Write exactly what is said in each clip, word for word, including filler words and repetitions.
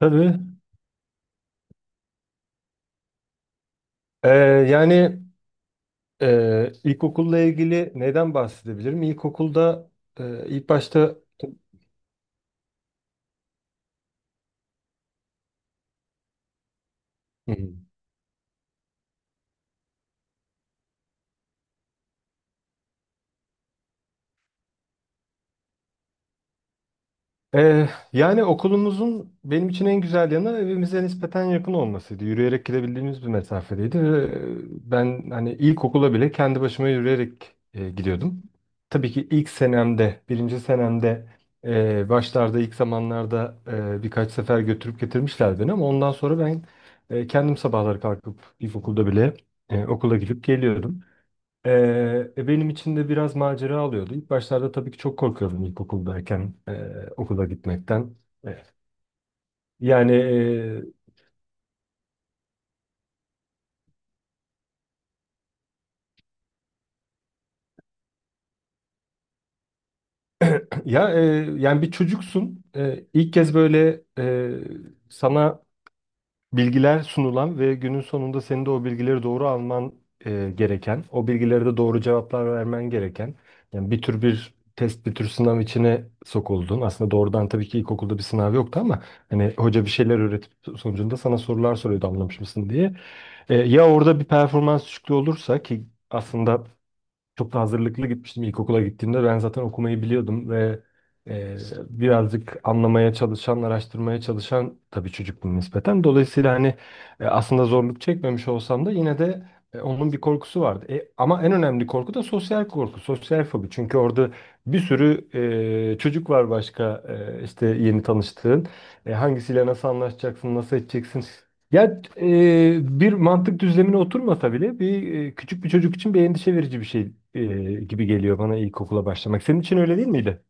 Tabii. Ee, yani e, ilkokulla ilgili neyden bahsedebilirim? İlkokulda e, ilk başta Ee, yani okulumuzun benim için en güzel yanı evimize nispeten yakın olmasıydı. Yürüyerek gidebildiğimiz bir mesafedeydi ve e, ben hani ilkokula bile kendi başıma yürüyerek e, gidiyordum. Tabii ki ilk senemde, birinci senemde e, başlarda ilk zamanlarda e, birkaç sefer götürüp getirmişler beni ama ondan sonra ben e, kendim sabahları kalkıp ilkokulda bile e, okula gidip geliyordum. Ee, e, Benim için de biraz macera alıyordu. İlk başlarda tabii ki çok korkuyordum ilkokuldayken e, okula gitmekten. Evet. Yani e, ya e, yani bir çocuksun. E, ilk kez böyle e, sana bilgiler sunulan ve günün sonunda senin de o bilgileri doğru alman e, gereken, o bilgilere de doğru cevaplar vermen gereken, yani bir tür bir test, bir tür sınav içine sokuldun. Aslında doğrudan tabii ki ilkokulda bir sınav yoktu ama hani hoca bir şeyler öğretip so-, sonucunda sana sorular soruyordu anlamış mısın diye. E, ya orada bir performans düşüklüğü olursa ki aslında çok da hazırlıklı gitmiştim ilkokula gittiğimde. Ben zaten okumayı biliyordum ve e, birazcık anlamaya çalışan, araştırmaya çalışan tabii çocuktum nispeten. Dolayısıyla hani e, aslında zorluk çekmemiş olsam da yine de e, onun bir korkusu vardı. E, ama en önemli korku da sosyal korku, sosyal fobi. Çünkü orada bir sürü e, çocuk var başka e, işte yeni tanıştığın. E, hangisiyle nasıl anlaşacaksın, nasıl edeceksin? Ya e, bir mantık düzlemine oturmasa bile bir e, küçük bir çocuk için bir endişe verici bir şey e, gibi geliyor bana ilkokula başlamak. Senin için öyle değil miydi?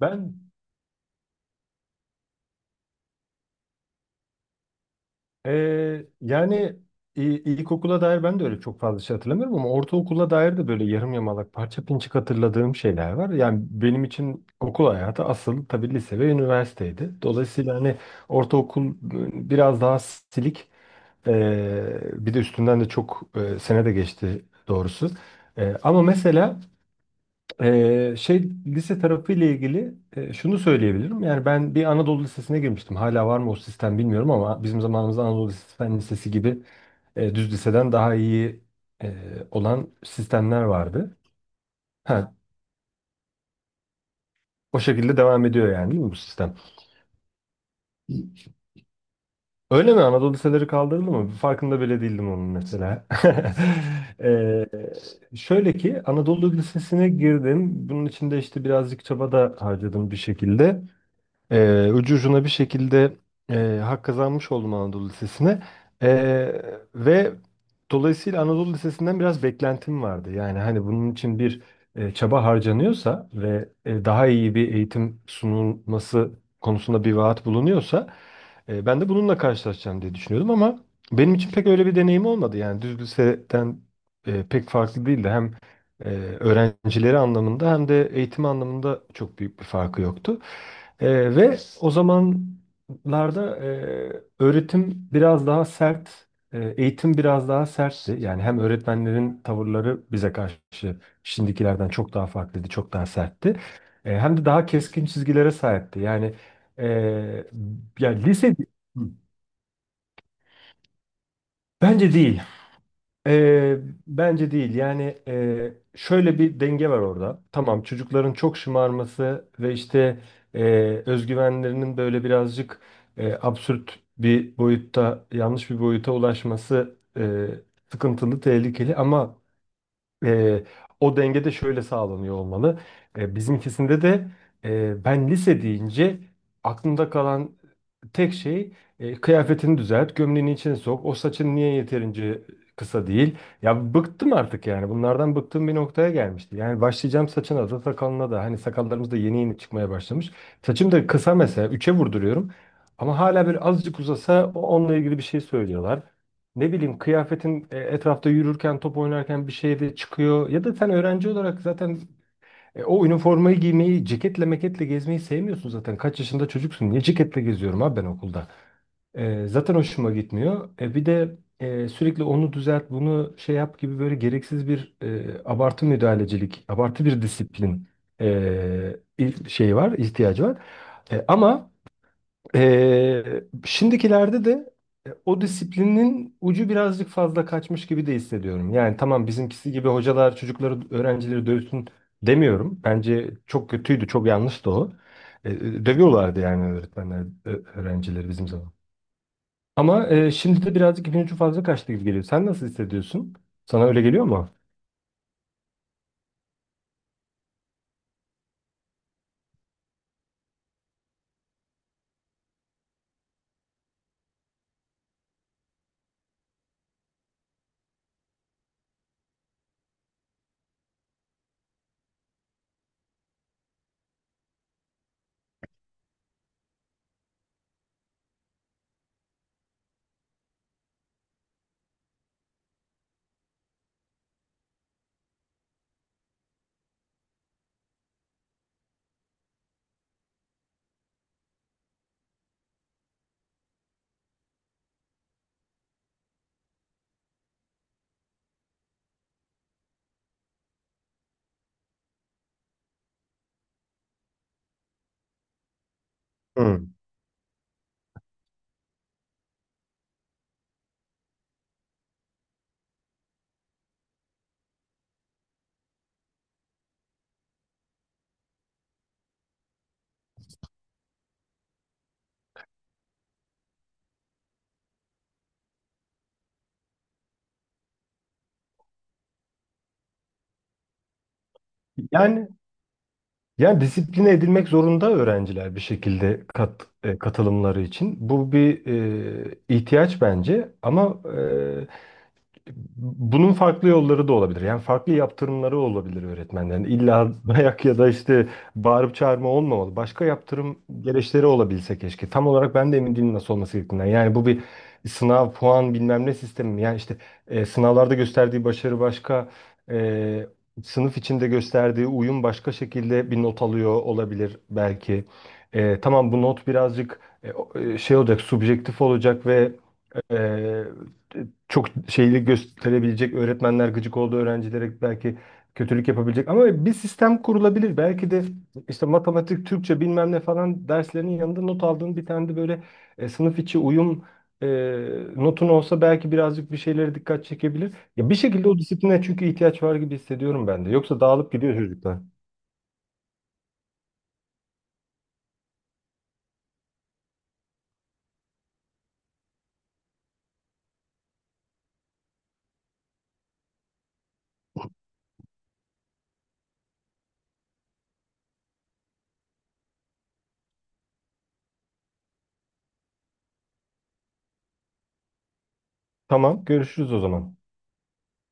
Ben eee, yani i- ilkokula dair ben de öyle çok fazla şey hatırlamıyorum ama ortaokula dair de böyle yarım yamalak parça pinçik hatırladığım şeyler var. Yani benim için okul hayatı asıl tabii lise ve üniversiteydi. Dolayısıyla hani ortaokul e, biraz daha silik. Ee, bir de üstünden de çok e, sene de geçti doğrusu. Ee, ama mesela e, şey lise tarafıyla ilgili e, şunu söyleyebilirim. Yani ben bir Anadolu Lisesi'ne girmiştim. Hala var mı o sistem bilmiyorum ama bizim zamanımızda Anadolu Lisesi, Fen Lisesi gibi e, düz liseden daha iyi e, olan sistemler vardı. Ha, o şekilde devam ediyor yani değil mi bu sistem? Öyle mi? Anadolu liseleri kaldırıldı mı? Farkında bile değildim onun mesela. Şöyle ki Anadolu Lisesi'ne girdim. Bunun için de işte birazcık çaba da harcadım bir şekilde. Ee, ucu ucuna bir şekilde e, hak kazanmış oldum Anadolu Lisesi'ne. Ee, Ve dolayısıyla Anadolu Lisesi'nden biraz beklentim vardı. Yani hani bunun için bir e, çaba harcanıyorsa ve e, daha iyi bir eğitim sunulması konusunda bir vaat bulunuyorsa e, ben de bununla karşılaşacağım diye düşünüyordum ama benim için pek öyle bir deneyim olmadı. Yani düz liseden e, pek farklı değildi. Hem e, öğrencileri anlamında hem de eğitim anlamında çok büyük bir farkı yoktu. Ee, ve o zamanlarda e, öğretim biraz daha sert, e, eğitim biraz daha sertti. Yani hem öğretmenlerin tavırları bize karşı şimdikilerden çok daha farklıydı, çok daha sertti. E, hem de daha keskin çizgilere sahipti. Yani e, ya lise bence değil. Ee, Bence değil. Yani e, şöyle bir denge var orada. Tamam, çocukların çok şımarması ve işte e, özgüvenlerinin böyle birazcık e, absürt bir boyutta, yanlış bir boyuta ulaşması e, sıkıntılı, tehlikeli. Ama e, o denge de şöyle sağlanıyor olmalı. E, bizimkisinde de e, ben lise deyince aklımda kalan tek şey e, kıyafetini düzelt, gömleğini içine sok. O saçın niye yeterince kısa değil? Ya bıktım artık yani. Bunlardan bıktığım bir noktaya gelmişti. Yani başlayacağım saçına da sakalına da. Hani sakallarımız da yeni yeni çıkmaya başlamış. Saçım da kısa mesela. Üçe vurduruyorum. Ama hala bir azıcık uzasa o- onunla ilgili bir şey söylüyorlar. Ne bileyim kıyafetin e, etrafta yürürken, top oynarken bir şey de çıkıyor. Ya da sen öğrenci olarak zaten e, o üniformayı giymeyi, ceketle meketle gezmeyi sevmiyorsun zaten. Kaç yaşında çocuksun? Niye ceketle geziyorum abi ben okulda? E, zaten hoşuma gitmiyor. E, bir de e, sürekli onu düzelt, bunu şey yap gibi böyle gereksiz bir e, abartı müdahalecilik, abartı bir disiplin e, il- şey var, ihtiyacı var. E, ama ee, şimdikilerde de e, o disiplinin ucu birazcık fazla kaçmış gibi de hissediyorum. Yani tamam bizimkisi gibi hocalar çocukları, öğrencileri dövsün demiyorum. Bence çok kötüydü, çok yanlıştı o. Ee, dövüyorlardı yani öğretmenler, ö- öğrencileri bizim zaman. Ama e, şimdi de birazcık ipin ucu fazla kaçtı gibi geliyor. Sen nasıl hissediyorsun? Sana öyle geliyor mu? Hı. Yani Yani disipline edilmek zorunda öğrenciler bir şekilde kat, e, katılımları için. Bu bir e, ihtiyaç bence ama e, bunun farklı yolları da olabilir. Yani farklı yaptırımları olabilir öğretmenlerin. İlla dayak ya da işte bağırıp çağırma olmamalı. Başka yaptırım gereçleri olabilse keşke. Tam olarak ben de emin değilim nasıl olması gerektiğinden. Yani bu bir sınav, puan bilmem ne sistemi. Mi? Yani işte e, sınavlarda gösterdiği başarı başka, e, sınıf içinde gösterdiği uyum başka şekilde bir not alıyor olabilir belki. E, tamam bu not birazcık e, o- e, şey olacak, subjektif olacak ve ee, çok şeylik gösterebilecek öğretmenler gıcık olduğu öğrencilere belki kötülük yapabilecek ama bir sistem kurulabilir. Belki de işte matematik, Türkçe bilmem ne falan derslerinin yanında not aldığın bir tane de böyle e, sınıf içi uyum e, notun olsa belki birazcık bir şeylere dikkat çekebilir. Ya bir şekilde o disipline çünkü ihtiyaç var gibi hissediyorum ben de. Yoksa dağılıp gidiyor çocuklar. Tamam, görüşürüz o zaman.